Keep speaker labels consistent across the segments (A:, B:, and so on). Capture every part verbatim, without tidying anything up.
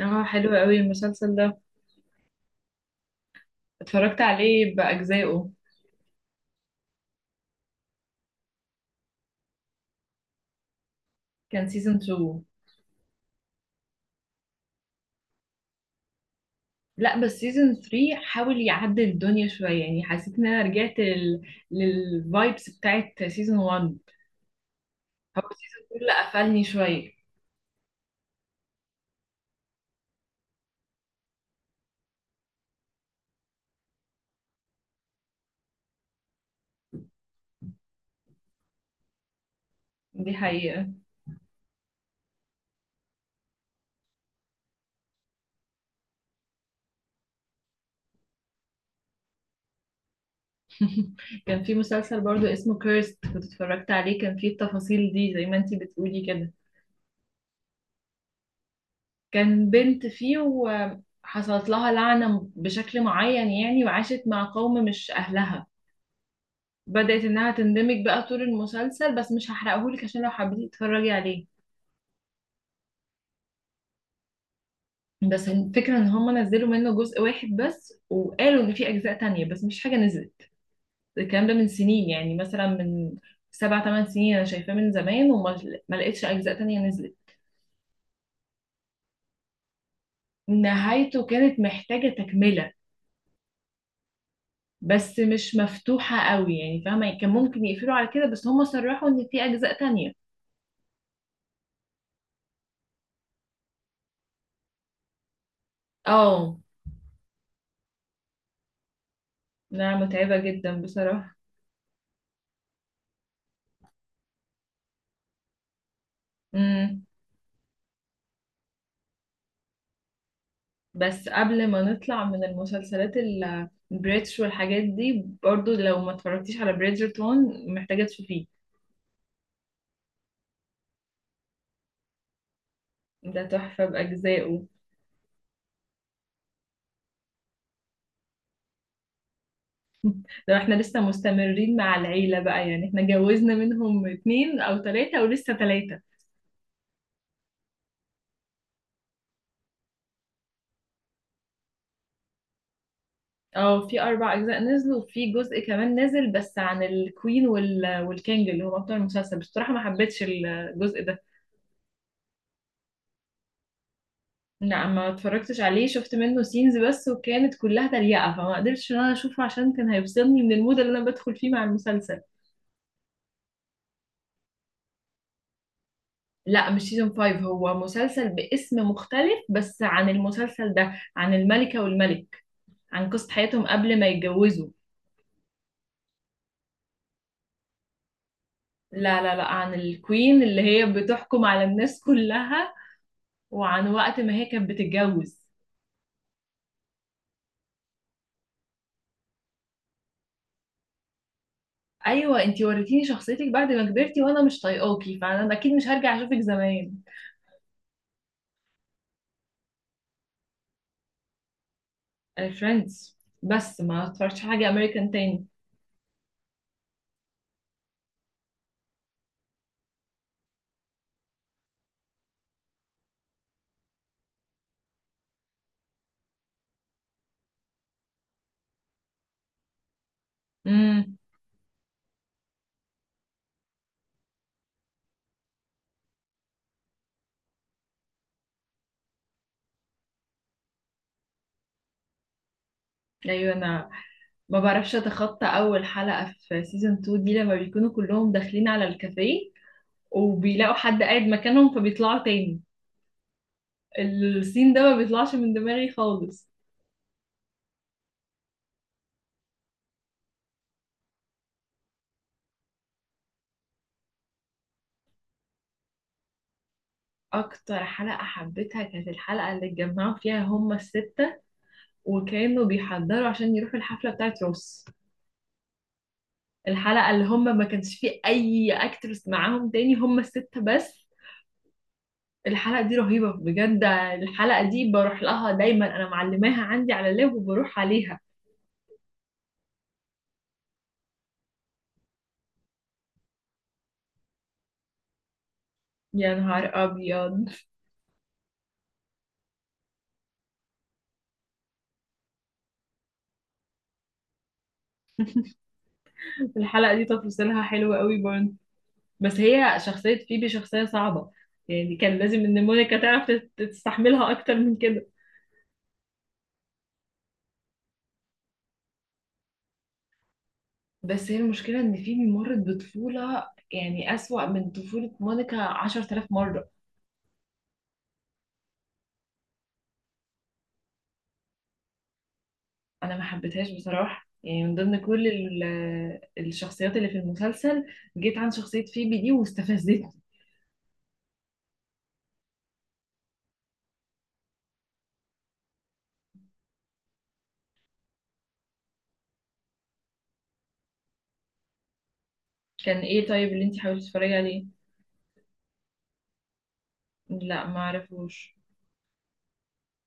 A: اه، حلو قوي المسلسل ده. اتفرجت عليه بأجزائه. كان سيزون اتنين. لا، بس سيزون تلاتة حاول يعدل الدنيا شوية، يعني حسيت ان انا رجعت لل... للفايبس بتاعت سيزون واحد. هو سيزون اتنين اللي قفلني شوية. دي حقيقة. كان في مسلسل برضو اسمه كيرست كنت اتفرجت عليه، كان فيه التفاصيل دي زي ما انتي بتقولي كده. كان بنت فيه وحصلت لها لعنة بشكل معين، يعني وعاشت مع قوم مش أهلها. بدأت إنها تندمج بقى طول المسلسل، بس مش هحرقهولك عشان لو حبيتي تتفرجي عليه. بس الفكرة إن هما نزلوا منه جزء واحد بس، وقالوا إن في أجزاء تانية، بس مش حاجة نزلت. الكلام ده من سنين، يعني مثلا من سبع تمن سنين. أنا شايفاه من زمان وما ما لقيتش أجزاء تانية نزلت. نهايته كانت محتاجة تكملة. بس مش مفتوحة قوي، يعني فاهمة، يعني كان ممكن يقفلوا على كده بس هما صرحوا إن في أجزاء تانية. اه. لا، متعبة جدا بصراحة. بس قبل ما نطلع من المسلسلات ال- البريتش والحاجات دي، برضو لو ما اتفرجتيش على بريدجرتون محتاجة تشوفيه. ده تحفة بأجزائه. لو احنا لسه مستمرين مع العيلة بقى، يعني احنا جوزنا منهم اتنين أو تلاتة ولسه تلاتة. اه، في أربع أجزاء نزلوا، وفي جزء كمان نزل بس عن الكوين وال... والكينج اللي هو بطل المسلسل، بس بصراحة ما حبيتش الجزء ده. لا، ما اتفرجتش عليه، شفت منه سينز بس وكانت كلها تريقة، فما قدرتش ان انا اشوفه عشان كان هيفصلني من المود اللي انا بدخل فيه مع المسلسل. لا، مش سيزون خمسة، هو مسلسل باسم مختلف بس عن المسلسل ده، عن الملكة والملك، عن قصة حياتهم قبل ما يتجوزوا. لا لا لا، عن الكوين اللي هي بتحكم على الناس كلها، وعن وقت ما هي كانت بتتجوز. ايوه، انتي وريتيني شخصيتك بعد ما كبرتي وانا مش طايقاكي، فانا اكيد مش هرجع اشوفك زمان. فريندز بس، ما اتفرجتش حاجة امريكان تاني. امم. ايوه. انا ما بعرفش اتخطى اول حلقة في سيزون اتنين دي، لما بيكونوا كلهم داخلين على الكافيه وبيلاقوا حد قاعد مكانهم فبيطلعوا تاني. السين ده ما بيطلعش من دماغي خالص. اكتر حلقة حبيتها كانت الحلقة اللي اتجمعوا فيها هما الستة وكانوا بيحضروا عشان يروحوا الحفلة بتاعت روس. الحلقة اللي هما ما كانش فيه اي اكترس معاهم تاني، هما الستة بس. الحلقة دي رهيبة بجد. الحلقة دي بروح لها دايما، أنا معلماها عندي على اللاب وبروح عليها. يا نهار أبيض. الحلقة دي تفاصيلها حلوة قوي برضه. بس هي شخصية فيبي شخصية صعبة. يعني كان لازم إن مونيكا تعرف تت- تستحملها أكتر من كده. بس هي المشكلة إن فيبي مرت بطفولة، يعني أسوأ من طفولة مونيكا عشرة آلاف مرة. أنا ما حبيتهاش بصراحة، يعني من ضمن كل ال- الشخصيات اللي في المسلسل، جيت عن شخصية فيبي دي واستفزتني. كان ايه طيب اللي انتي حاولتي تتفرجي عليه؟ لا، ما اعرفوش.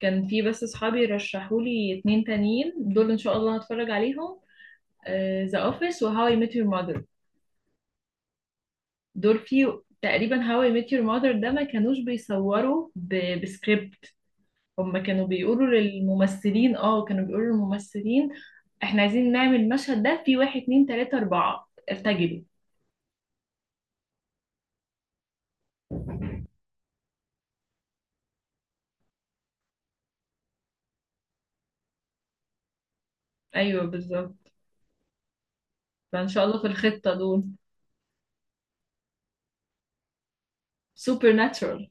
A: كان في بس اصحابي رشحولي اتنين تانيين دول، ان شاء الله هتفرج عليهم. ذا اوفيس وهاو اي ميت يور ماذر. دول في تقريبا. هاو اي ميت يور ماذر ده ما كانوش بيصوروا ب- بسكريبت، هم كانوا بيقولوا للممثلين، اه كانوا بيقولوا للممثلين: احنا عايزين نعمل المشهد ده في واحد اتنين تلاتة اربعة، ارتجلوا. ايوه بالظبط. فان شاء الله في الخطة دول. سوبر ناتشورال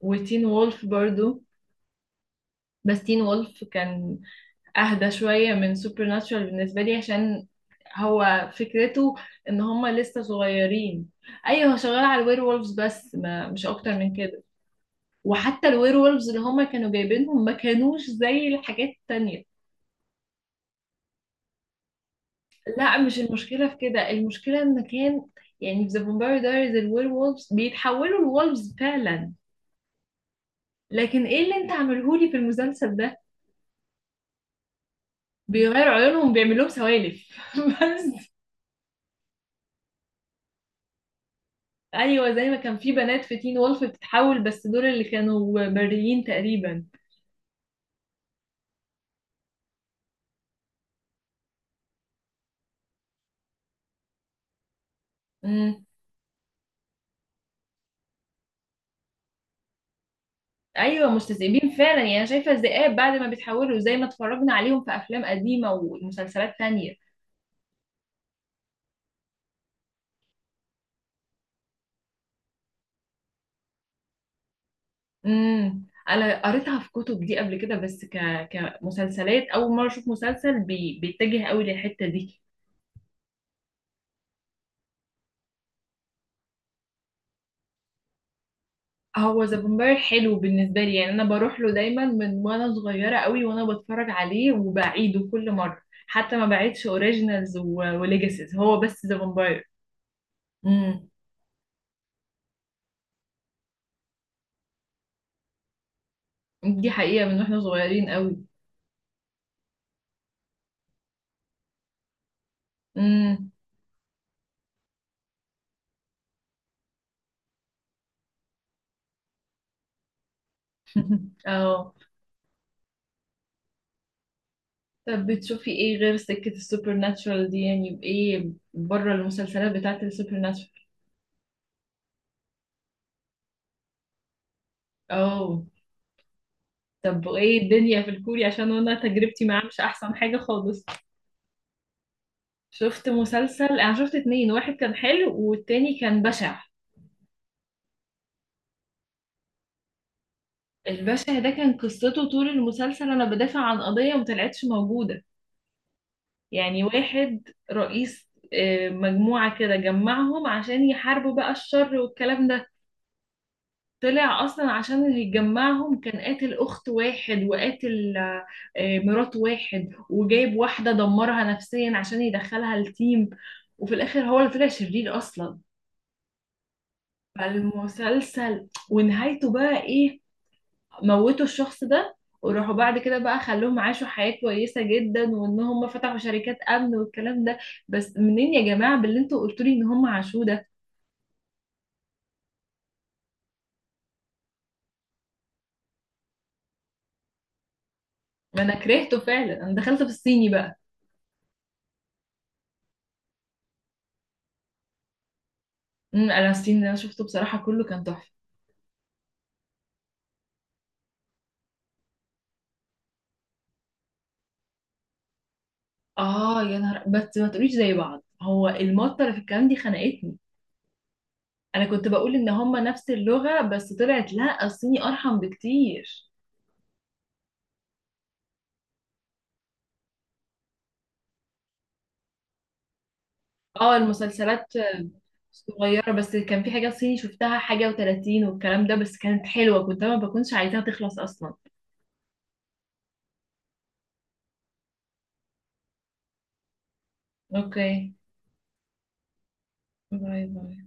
A: وتين وولف برضو. بس تين وولف كان اهدى شوية من سوبر ناتشورال بالنسبة لي، عشان هو فكرته ان هما لسه صغيرين. ايوه هو شغال على الوير وولفز بس، ما مش اكتر من كده. وحتى الوير وولفز اللي هما كانوا جايبينهم ما كانوش زي الحاجات التانية. لا، مش المشكلة في كده، المشكلة ان كان، يعني في ذا فامباير دايريز الوير وولفز بيتحولوا لولفز فعلا، لكن ايه اللي انت عاملهولي في المسلسل ده؟ بيغيروا عيونهم، بيعملوهم سوالف بس. ايوه، زي ما كان في بنات في تين وولف بتتحول، بس دول اللي كانوا بريين تقريبا. امم. ايوه مستذئبين فعلا، يعني انا شايفه الذئاب بعد ما بيتحولوا زي ما اتفرجنا عليهم في افلام قديمه ومسلسلات تانية. امم انا قريتها في كتب دي قبل كده، بس ك... كمسلسلات اول مره اشوف مسلسل بي... بيتجه قوي للحته دي. هو ذا فامباير حلو بالنسبه لي، يعني انا بروح له دايما من وانا صغيره قوي وانا بتفرج عليه وبعيده كل مره، حتى ما بعيدش اوريجينالز وليجاسيز، هو بس ذا فامباير. امم. دي حقيقه من واحنا صغيرين قوي. امم. اه. طب بتشوفي ايه غير سكه السوبر ناتشورال دي؟ يعني ايه بره المسلسلات بتاعت السوبر ناتشورال؟ اه. طب وايه الدنيا في الكوري؟ عشان انا تجربتي معاه مش احسن حاجه خالص. شفت مسلسل، انا شفت اتنين، واحد كان حلو والتاني كان بشع. البشع ده كان قصته طول المسلسل انا بدافع عن قضية مطلعتش موجودة. يعني واحد رئيس آه، مجموعة كده جمعهم عشان يحاربوا بقى الشر والكلام ده. طلع اصلا عشان اللي يجمعهم كان قاتل اخت واحد، وقاتل آه، آه، مرات واحد، وجايب واحدة دمرها نفسيا عشان يدخلها التيم. وفي الاخر هو اللي طلع شرير اصلا. فالمسلسل ونهايته بقى ايه؟ موتوا الشخص ده، وراحوا بعد كده بقى خلوهم عاشوا حياة كويسة جدا وان هم فتحوا شركات امن والكلام ده. بس منين يا جماعة باللي انتوا قلتوا لي ان هم عاشوه ده؟ ما انا كرهته فعلا، انا دخلت في الصيني بقى. امم انا الصيني اللي انا شفته بصراحة كله كان تحفة. اه يا نهار، بس ما تقوليش زي بعض، هو المطة اللي في الكلام دي خنقتني. انا كنت بقول ان هم نفس اللغة، بس طلعت لا، الصيني ارحم بكتير. اه، المسلسلات صغيرة، بس كان في حاجات صيني شفتها حاجة وتلاتين والكلام ده، بس كانت حلوة كنت أنا ما بكونش عايزاها تخلص أصلا. اوكي. باي باي.